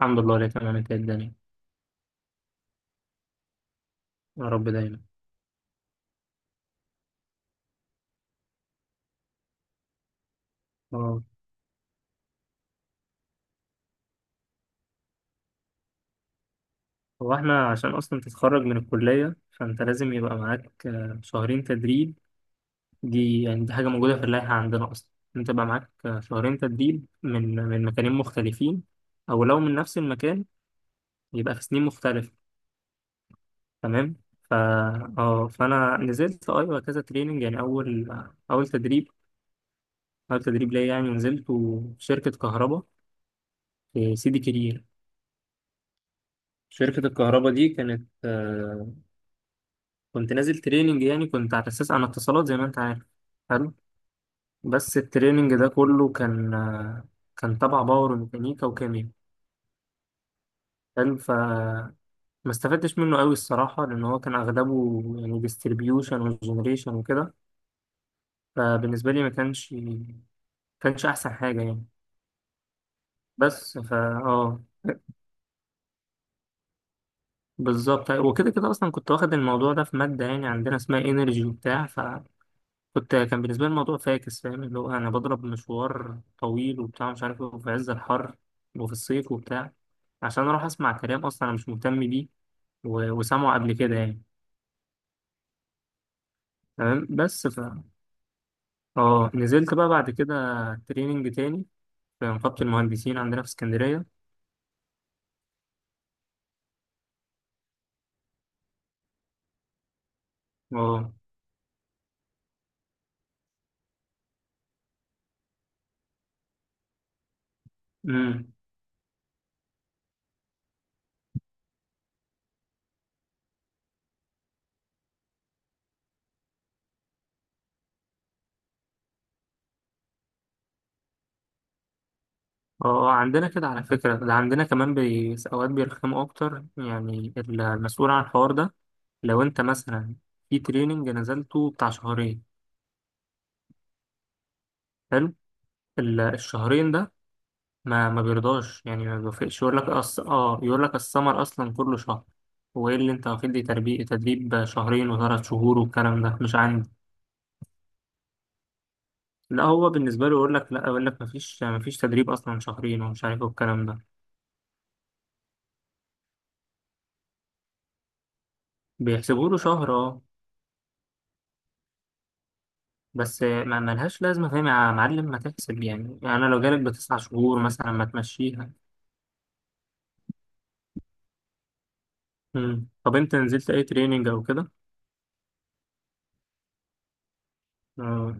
الحمد لله، اللي تمام. انت ايه الدنيا؟ يا رب دايما. اه. هو احنا عشان اصلا تتخرج من الكلية، فانت لازم يبقى معاك شهرين تدريب. دي حاجة موجودة في اللائحة عندنا اصلا. انت يبقى معاك شهرين تدريب من مكانين مختلفين، او لو من نفس المكان يبقى في سنين مختلفة. تمام. فا اه، فانا نزلت ايوه كذا تريننج. يعني اول تدريب، اول تدريب ليا، يعني نزلته في شركة كهرباء في سيدي كرير. شركة الكهرباء دي كانت كنت نازل تريننج. يعني كنت على اساس انا اتصالات، زي ما انت عارف. حلو. بس التريننج ده كله كان تبع باور وميكانيكا وكيمياء. حلو. ما استفدتش منه قوي الصراحه، لان هو كان اغلبه يعني ديستريبيوشن وجنريشن وكده. فبالنسبه لي ما كانش احسن حاجه يعني. بس. اه. بالظبط. وكده كده اصلا كنت واخد الموضوع ده في ماده يعني عندنا اسمها انرجي وبتاع. كان بالنسبة لي الموضوع فاكس، فاهم اللي هو أنا بضرب مشوار طويل وبتاع، مش عارف إيه، وفي عز الحر وفي الصيف وبتاع، عشان أروح أسمع كلام أصلا أنا مش مهتم بيه و- وسامعه قبل كده يعني. تمام. بس. اه، نزلت بقى بعد كده تريننج تاني في نقابة المهندسين عندنا في اسكندرية. اه. امم. اه، عندنا كده على فكرة. ده عندنا كمان أوقات بيرخموا أكتر، يعني المسؤول عن الحوار ده، لو أنت مثلا في تريننج نزلته بتاع شهرين، حلو، ال- الشهرين ده ما بيرضاش، يعني ما بيوافقش، يقول لك أص... اه يقول لك السمر اصلا كله شهر. وايه اللي انت واخد لي تدريب شهرين وثلاث شهور والكلام ده مش عندي. لا، هو بالنسبه له يقول لك لا، يقول لك ما فيش تدريب اصلا شهرين ومش عارف ايه والكلام ده. بيحسبوا له شهر، اه. بس ما لهاش لازمه، فاهم يا معلم؟ ما تحسب يعني انا لو جالك بتسع شهور مثلا ما تمشيها. مم. طب انت نزلت اي تريننج او كده؟ اه.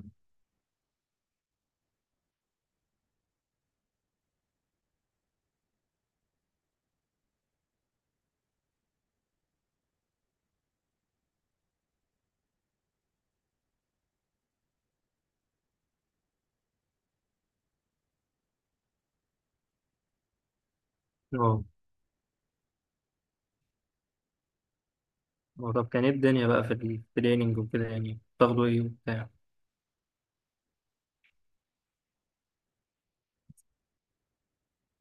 هو طب كان ايه الدنيا بقى في التريننج وكده؟ يعني بتاخدوا ايه وبتاع؟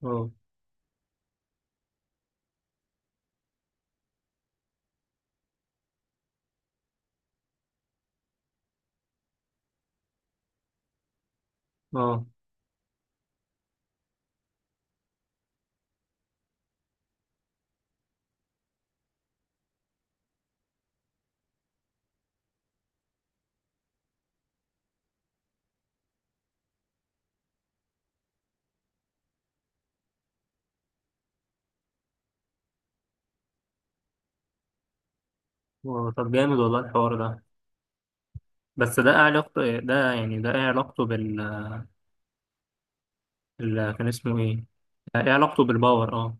اه، اه. طب جامد والله الحوار ده. بس ده ايه علاقته، ده يعني ده ايه علاقته بال... كان اسمه ايه؟ ايه علاقته بالباور؟ اه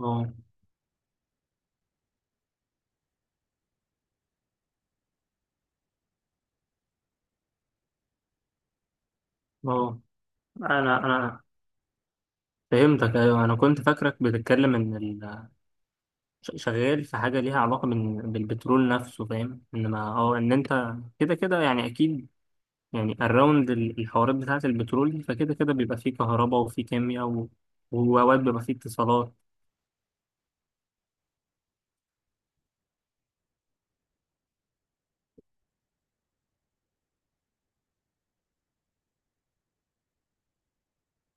اه. اه. انا فهمتك، ايوه. انا كنت فاكرك بتتكلم ان شغال في حاجه ليها علاقه بالبترول نفسه، فاهم؟ انما اه، ان انت كده كده يعني اكيد. يعني الراوند ال- الحوارات بتاعة البترول دي، فكده كده بيبقى فيه كهرباء وفيه كيمياء وأوقات بيبقى فيه اتصالات.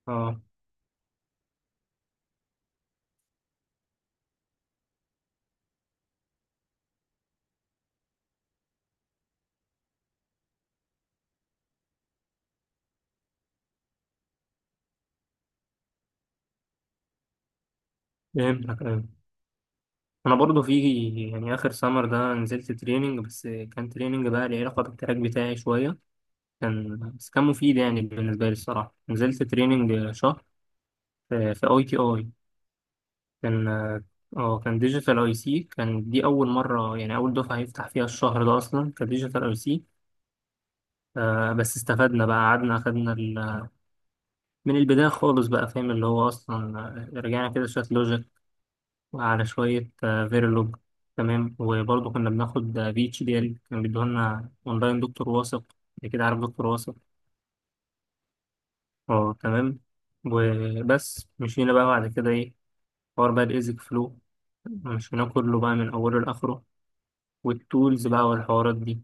اه، فهمتك أيوة. أنا برضو في. يعني آخر سمر ده نزلت تريننج، بس كان تريننج بقى ليه علاقة بالتراك بتاعي شوية. كان مفيد يعني بالنسبة لي الصراحة. نزلت تريننج شهر في ITI. كان. اه، كان ديجيتال أي سي. كان دي أول مرة، يعني أول دفعة يفتح فيها الشهر ده أصلا كديجيتال أي سي. بس استفدنا بقى، قعدنا أخدنا من البداية خالص بقى فاهم اللي هو أصلا رجعنا كده شوية لوجيك، وعلى شوية فيرلوج. تمام. وبرضه كنا بناخد في اتش دي ال، كان بيدوهولنا أونلاين دكتور واثق. أنت كده عارف دكتور واثق؟ أه، تمام. وبس مشينا بقى بعد كده إيه، حوار بقى الإيزك فلو، مشيناه كله بقى من أوله لآخره، والتولز بقى والحوارات دي.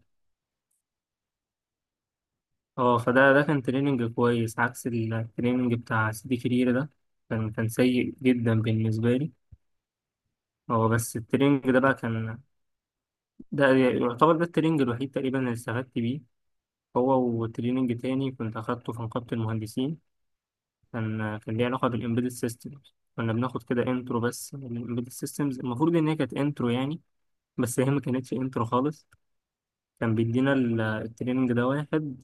أه، فده كان تريننج كويس، عكس التريننج بتاع سيدي كرير ده. كان سيء جدا بالنسبة لي. هو بس التريننج ده بقى كان، ده يعتبر ده التريننج الوحيد تقريبا اللي استفدت بيه، هو وتريننج تاني كنت أخدته في نقابة المهندسين. كان ليه علاقة بالإمبيدد سيستمز. كنا بناخد كده انترو بس للإمبيدد سيستمز. المفروض إن هي كانت انترو يعني، بس هي ما كانتش انترو خالص. كان بيدينا ال- التريننج ده واحد،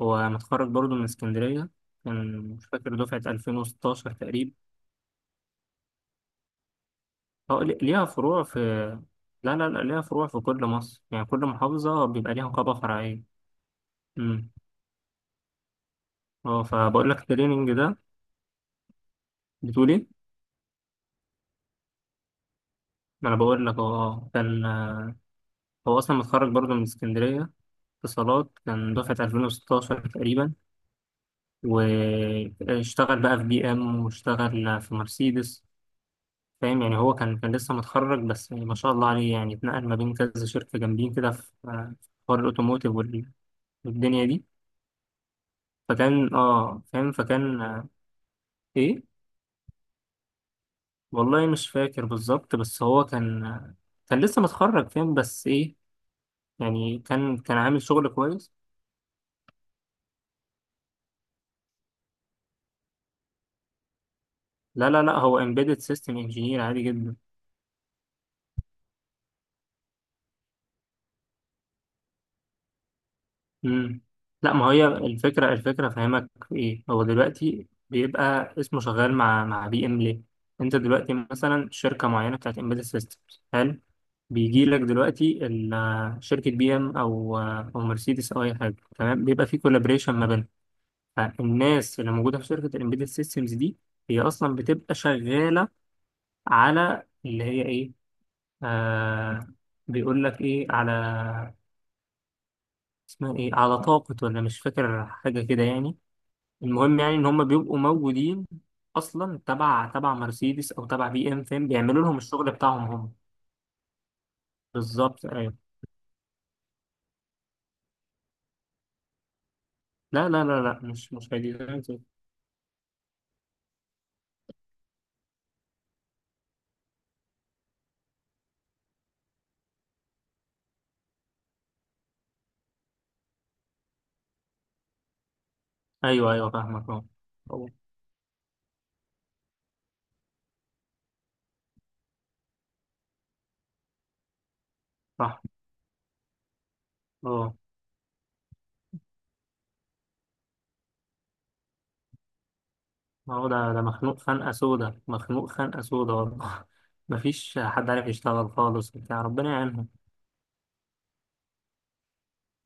هو متخرج برضه من اسكندرية، كان مش فاكر دفعة 2016 تقريبا. اه. ليها فروع في... لا، لا، لا، ليها فروع في كل مصر. يعني كل محافظة بيبقى ليها نقابة فرعية. امم. اه، فبقول لك التريننج ده. بتقولي؟ ما انا بقول لك. هو كان هو اصلا متخرج برضه من اسكندريه، اتصالات. كان دفعه 2016 تقريبا، واشتغل بقى في بي ام واشتغل في مرسيدس. فاهم؟ يعني هو كان لسه متخرج، بس يعني ما شاء الله عليه، يعني اتنقل ما بين كذا شركه جامدين كده في في حوار الاوتوموتيف والدنيا دي. فكان، فاهم؟ فكان ايه؟ والله مش فاكر بالظبط، بس هو كان كان لسه متخرج، فاهم؟ بس ايه، يعني كان عامل شغل كويس. لا، لا، لا، هو embedded system engineer عادي جدا. مم. لا، ما هي الفكرة فاهمك في ايه. هو دلوقتي بيبقى اسمه شغال مع بي ام ليه؟ انت دلوقتي مثلا شركة معينة بتاعت embedded systems، حلو. بيجي لك دلوقتي شركة بي ام او مرسيدس او اي حاجة، تمام؟ بيبقى في collaboration ما بينهم. فالناس اللي موجودة في شركة الامبيدد systems دي، هي اصلا بتبقى شغالة على اللي هي ايه، آه بيقول لك ايه، على اسمها ايه، على طاقة ولا مش فاكر حاجة كده يعني. المهم يعني ان هم بيبقوا موجودين اصلا تبع مرسيدس او تبع بي ام، فاهم؟ بيعملوا لهم الشغل بتاعهم هم. بالظبط، ايوه. لا، لا، لا، لا، مش هيدي. ايوه، ايوه، فاهمك. اه. هو. صح. اه. ما هو ده مخنوق خنقة سودا، مخنوق خنقة سودا والله مفيش حد عارف يشتغل خالص وبتاع. ربنا يعينهم.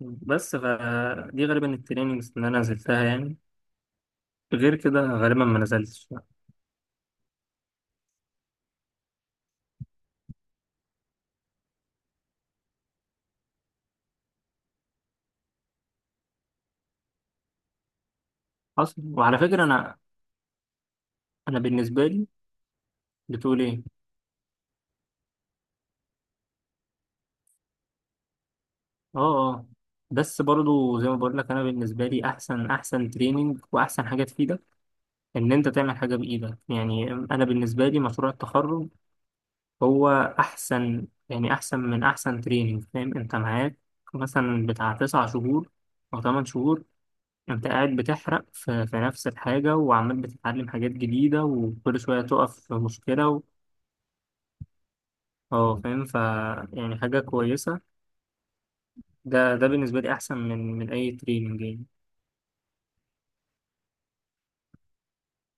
بس فدي غالبا التريننجز اللي انا نزلتها يعني، غير كده غالبا ما نزلتش. حصل. وعلى فكرة أنا، انا بالنسبه لي. بتقول ايه؟ اه. اه. بس برضو زي ما بقول لك، انا بالنسبه لي احسن تريننج واحسن حاجه تفيدك، ان انت تعمل حاجه بايدك. يعني انا بالنسبه لي مشروع التخرج هو احسن، يعني احسن من احسن تريننج. فاهم؟ انت معاك مثلا بتاع 9 شهور او 8 شهور، انت قاعد بتحرق في نفس الحاجه، وعمال بتتعلم حاجات جديده، وكل شويه تقف في مشكله اه، فاهم. يعني حاجه كويسه. ده بالنسبة لي أحسن من أي تريننج يعني.